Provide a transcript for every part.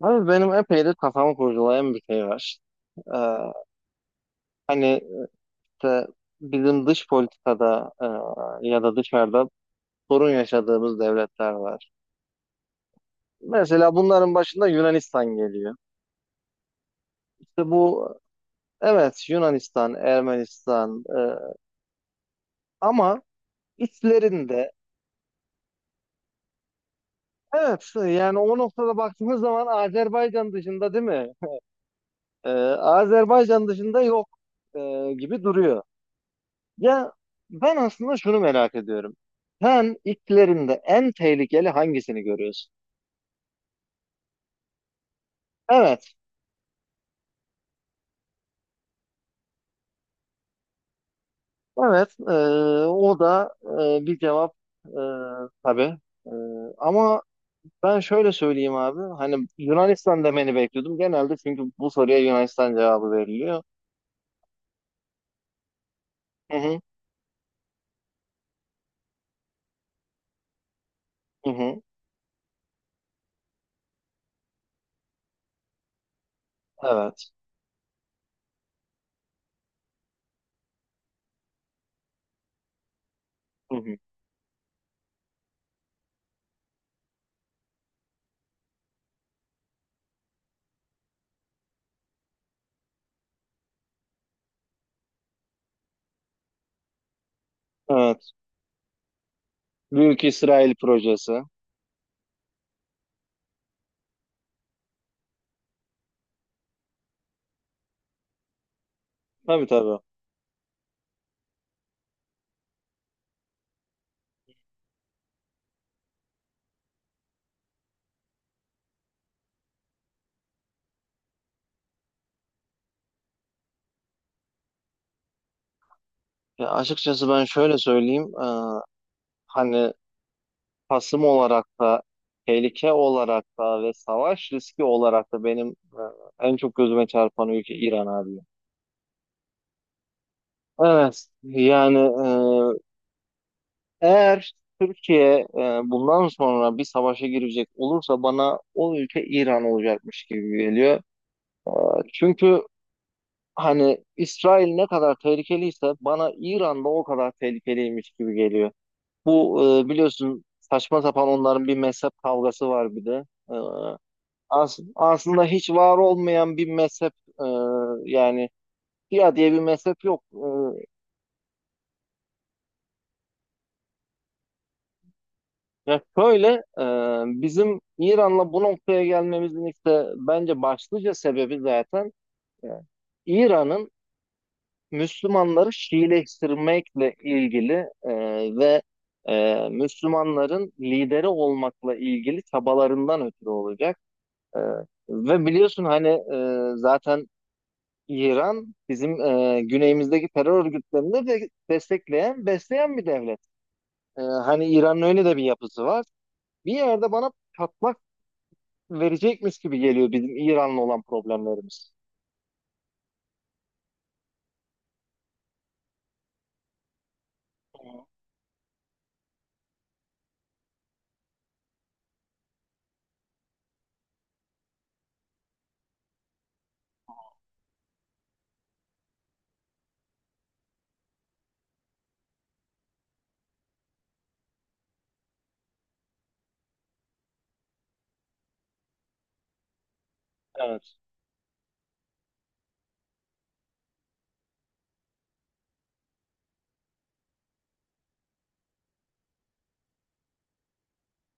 Abi benim epey de kafamı kurcalayan bir şey var. Ee, Hani işte bizim dış politikada, ya da dışarıda sorun yaşadığımız devletler var. Mesela bunların başında Yunanistan geliyor. İşte bu, evet Yunanistan, Ermenistan, ama içlerinde evet, yani o noktada baktığımız zaman Azerbaycan dışında, değil mi? Ee, Azerbaycan dışında yok, gibi duruyor. Ya ben aslında şunu merak ediyorum. Sen ilklerinde en tehlikeli hangisini görüyorsun? Evet, evet. O da bir cevap, e, tabii. E, Ama ben şöyle söyleyeyim abi. Hani Yunanistan demeni bekliyordum. Genelde çünkü bu soruya Yunanistan cevabı veriliyor. Hı hı, hı hı, evet. Hı hı, evet. Büyük İsrail projesi. Tabii tabii. Ya açıkçası ben şöyle söyleyeyim. Hani Kasım olarak da tehlike olarak da ve savaş riski olarak da benim en çok gözüme çarpan ülke İran abi. Evet yani, eğer Türkiye, bundan sonra bir savaşa girecek olursa bana o ülke İran olacakmış gibi geliyor. Çünkü hani İsrail ne kadar tehlikeliyse bana İran da o kadar tehlikeliymiş gibi geliyor. Bu, biliyorsun saçma sapan onların bir mezhep kavgası var bir de. E, aslında hiç var olmayan bir mezhep, e, yani Şia diye bir mezhep yok. Ya şöyle, bizim İran'la bu noktaya gelmemizin işte bence başlıca sebebi zaten, e, İran'ın Müslümanları Şiileştirmekle ilgili e, ve Müslümanların lideri olmakla ilgili çabalarından ötürü olacak. E, Ve biliyorsun hani, zaten İran bizim güneyimizdeki terör örgütlerini de destekleyen, besleyen bir devlet. Hani İran'ın öyle de bir yapısı var. Bir yerde bana patlak verecekmiş gibi geliyor bizim İran'la olan problemlerimiz. Evet.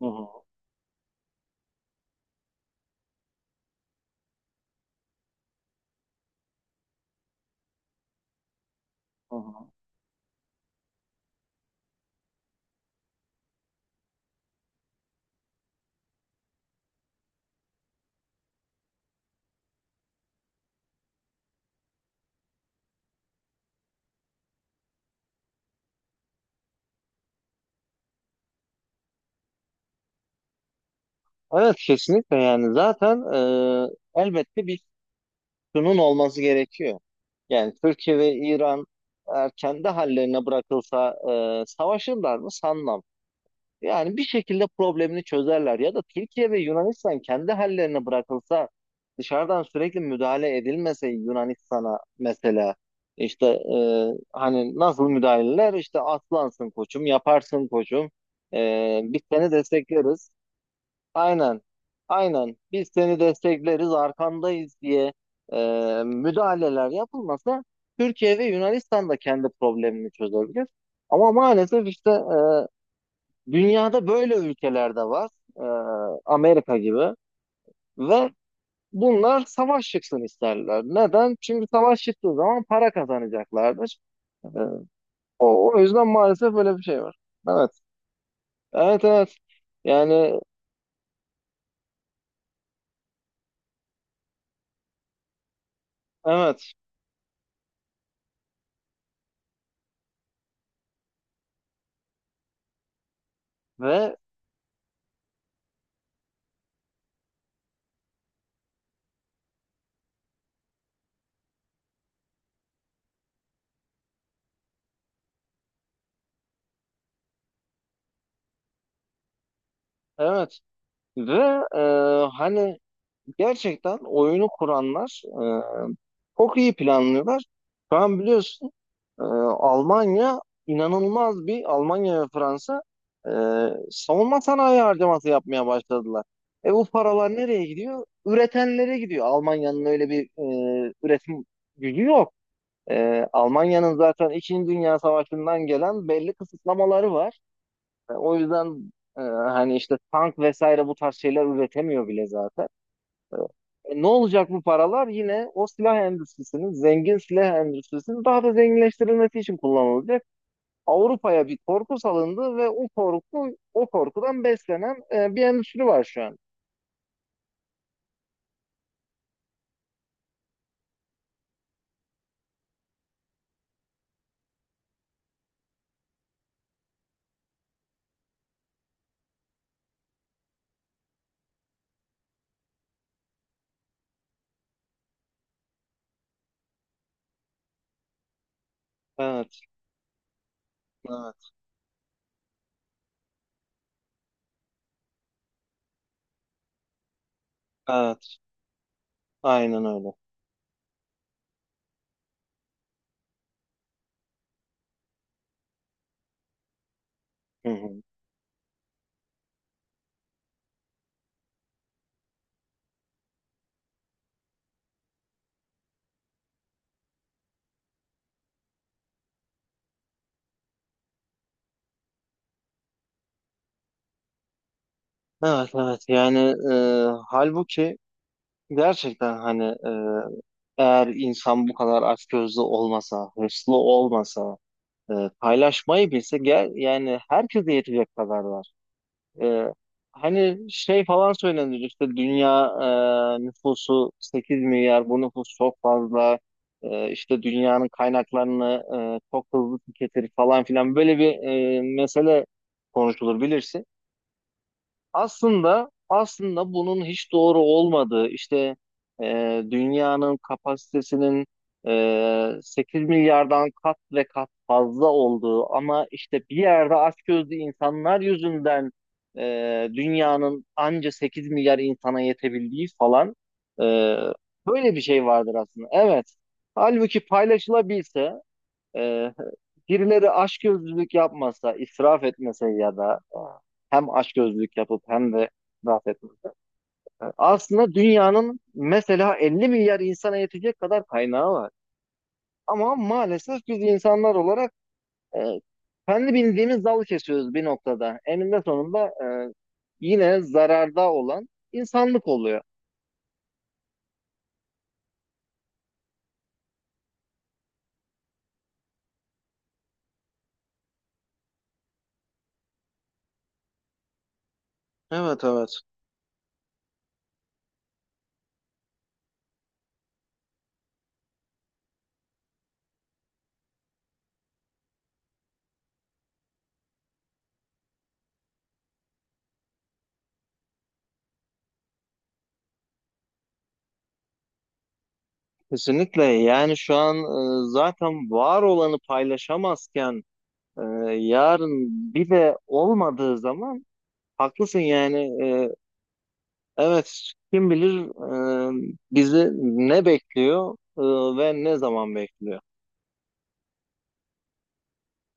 Hı hı. Hı hı. Evet kesinlikle yani zaten, elbette bir sunun olması gerekiyor. Yani Türkiye ve İran eğer kendi hallerine bırakılsa, savaşırlar mı? Sanmam. Yani bir şekilde problemini çözerler ya da Türkiye ve Yunanistan kendi hallerine bırakılsa, dışarıdan sürekli müdahale edilmese Yunanistan'a mesela işte, hani nasıl müdahaleler işte atlansın koçum, yaparsın koçum, biz seni destekleriz, aynen, aynen, biz seni destekleriz, arkandayız diye e, müdahaleler yapılmasa Türkiye ve Yunanistan da kendi problemini çözebilir. Ama maalesef işte, dünyada böyle ülkeler de var. Ee, Amerika gibi. Ve bunlar savaş çıksın isterler. Neden? Çünkü savaş çıktığı zaman para kazanacaklardır. Ee, o yüzden maalesef böyle bir şey var. Evet. Evet evet. Yani evet. Ve evet. Ve hani gerçekten oyunu kuranlar, çok iyi planlıyorlar. Şu an biliyorsun, Ee, Almanya inanılmaz bir Almanya ve Fransa, e, savunma sanayi harcaması yapmaya başladılar. Bu paralar nereye gidiyor? Üretenlere gidiyor. Almanya'nın öyle bir, üretim gücü yok. Almanya'nın zaten İkinci Dünya Savaşı'ndan gelen belli kısıtlamaları var. O yüzden, hani işte tank vesaire bu tarz şeyler üretemiyor bile zaten. E, Ne olacak bu paralar? Yine o silah endüstrisinin, zengin silah endüstrisinin daha da zenginleştirilmesi için kullanılacak. Avrupa'ya bir korku salındı ve o korkudan beslenen bir endüstri var şu an. Evet, evet, evet. Aynen öyle. Hı hı. Evet, evet. Yani, e, halbuki gerçekten hani, eğer insan bu kadar açgözlü olmasa, hırslı olmasa, e, paylaşmayı bilse, gel yani herkese yetecek kadar var. Ee, Hani şey falan söylenir işte, dünya nüfusu 8 milyar, bu nüfus çok fazla, işte dünyanın kaynaklarını çok hızlı tüketir falan filan, böyle bir, mesele konuşulur bilirsin. Aslında bunun hiç doğru olmadığı işte, dünyanın kapasitesinin, 8 milyardan kat ve kat fazla olduğu, ama işte bir yerde açgözlü insanlar yüzünden, e, dünyanın anca 8 milyar insana yetebildiği falan, e, böyle bir şey vardır aslında. Evet. Halbuki paylaşılabilse, e, Birileri açgözlülük yapmasa, israf etmese, ya da hem açgözlülük yapıp hem de israf etmese. Aslında dünyanın mesela 50 milyar insana yetecek kadar kaynağı var. Ama maalesef biz insanlar olarak e, kendi bildiğimiz dalı kesiyoruz bir noktada. Eninde sonunda, yine zararda olan insanlık oluyor. Evet evet. Kesinlikle yani şu an, zaten var olanı paylaşamazken, Ee, yarın bir de olmadığı zaman haklısın yani. Ee, evet kim bilir bizi ne bekliyor, ve ne zaman bekliyor.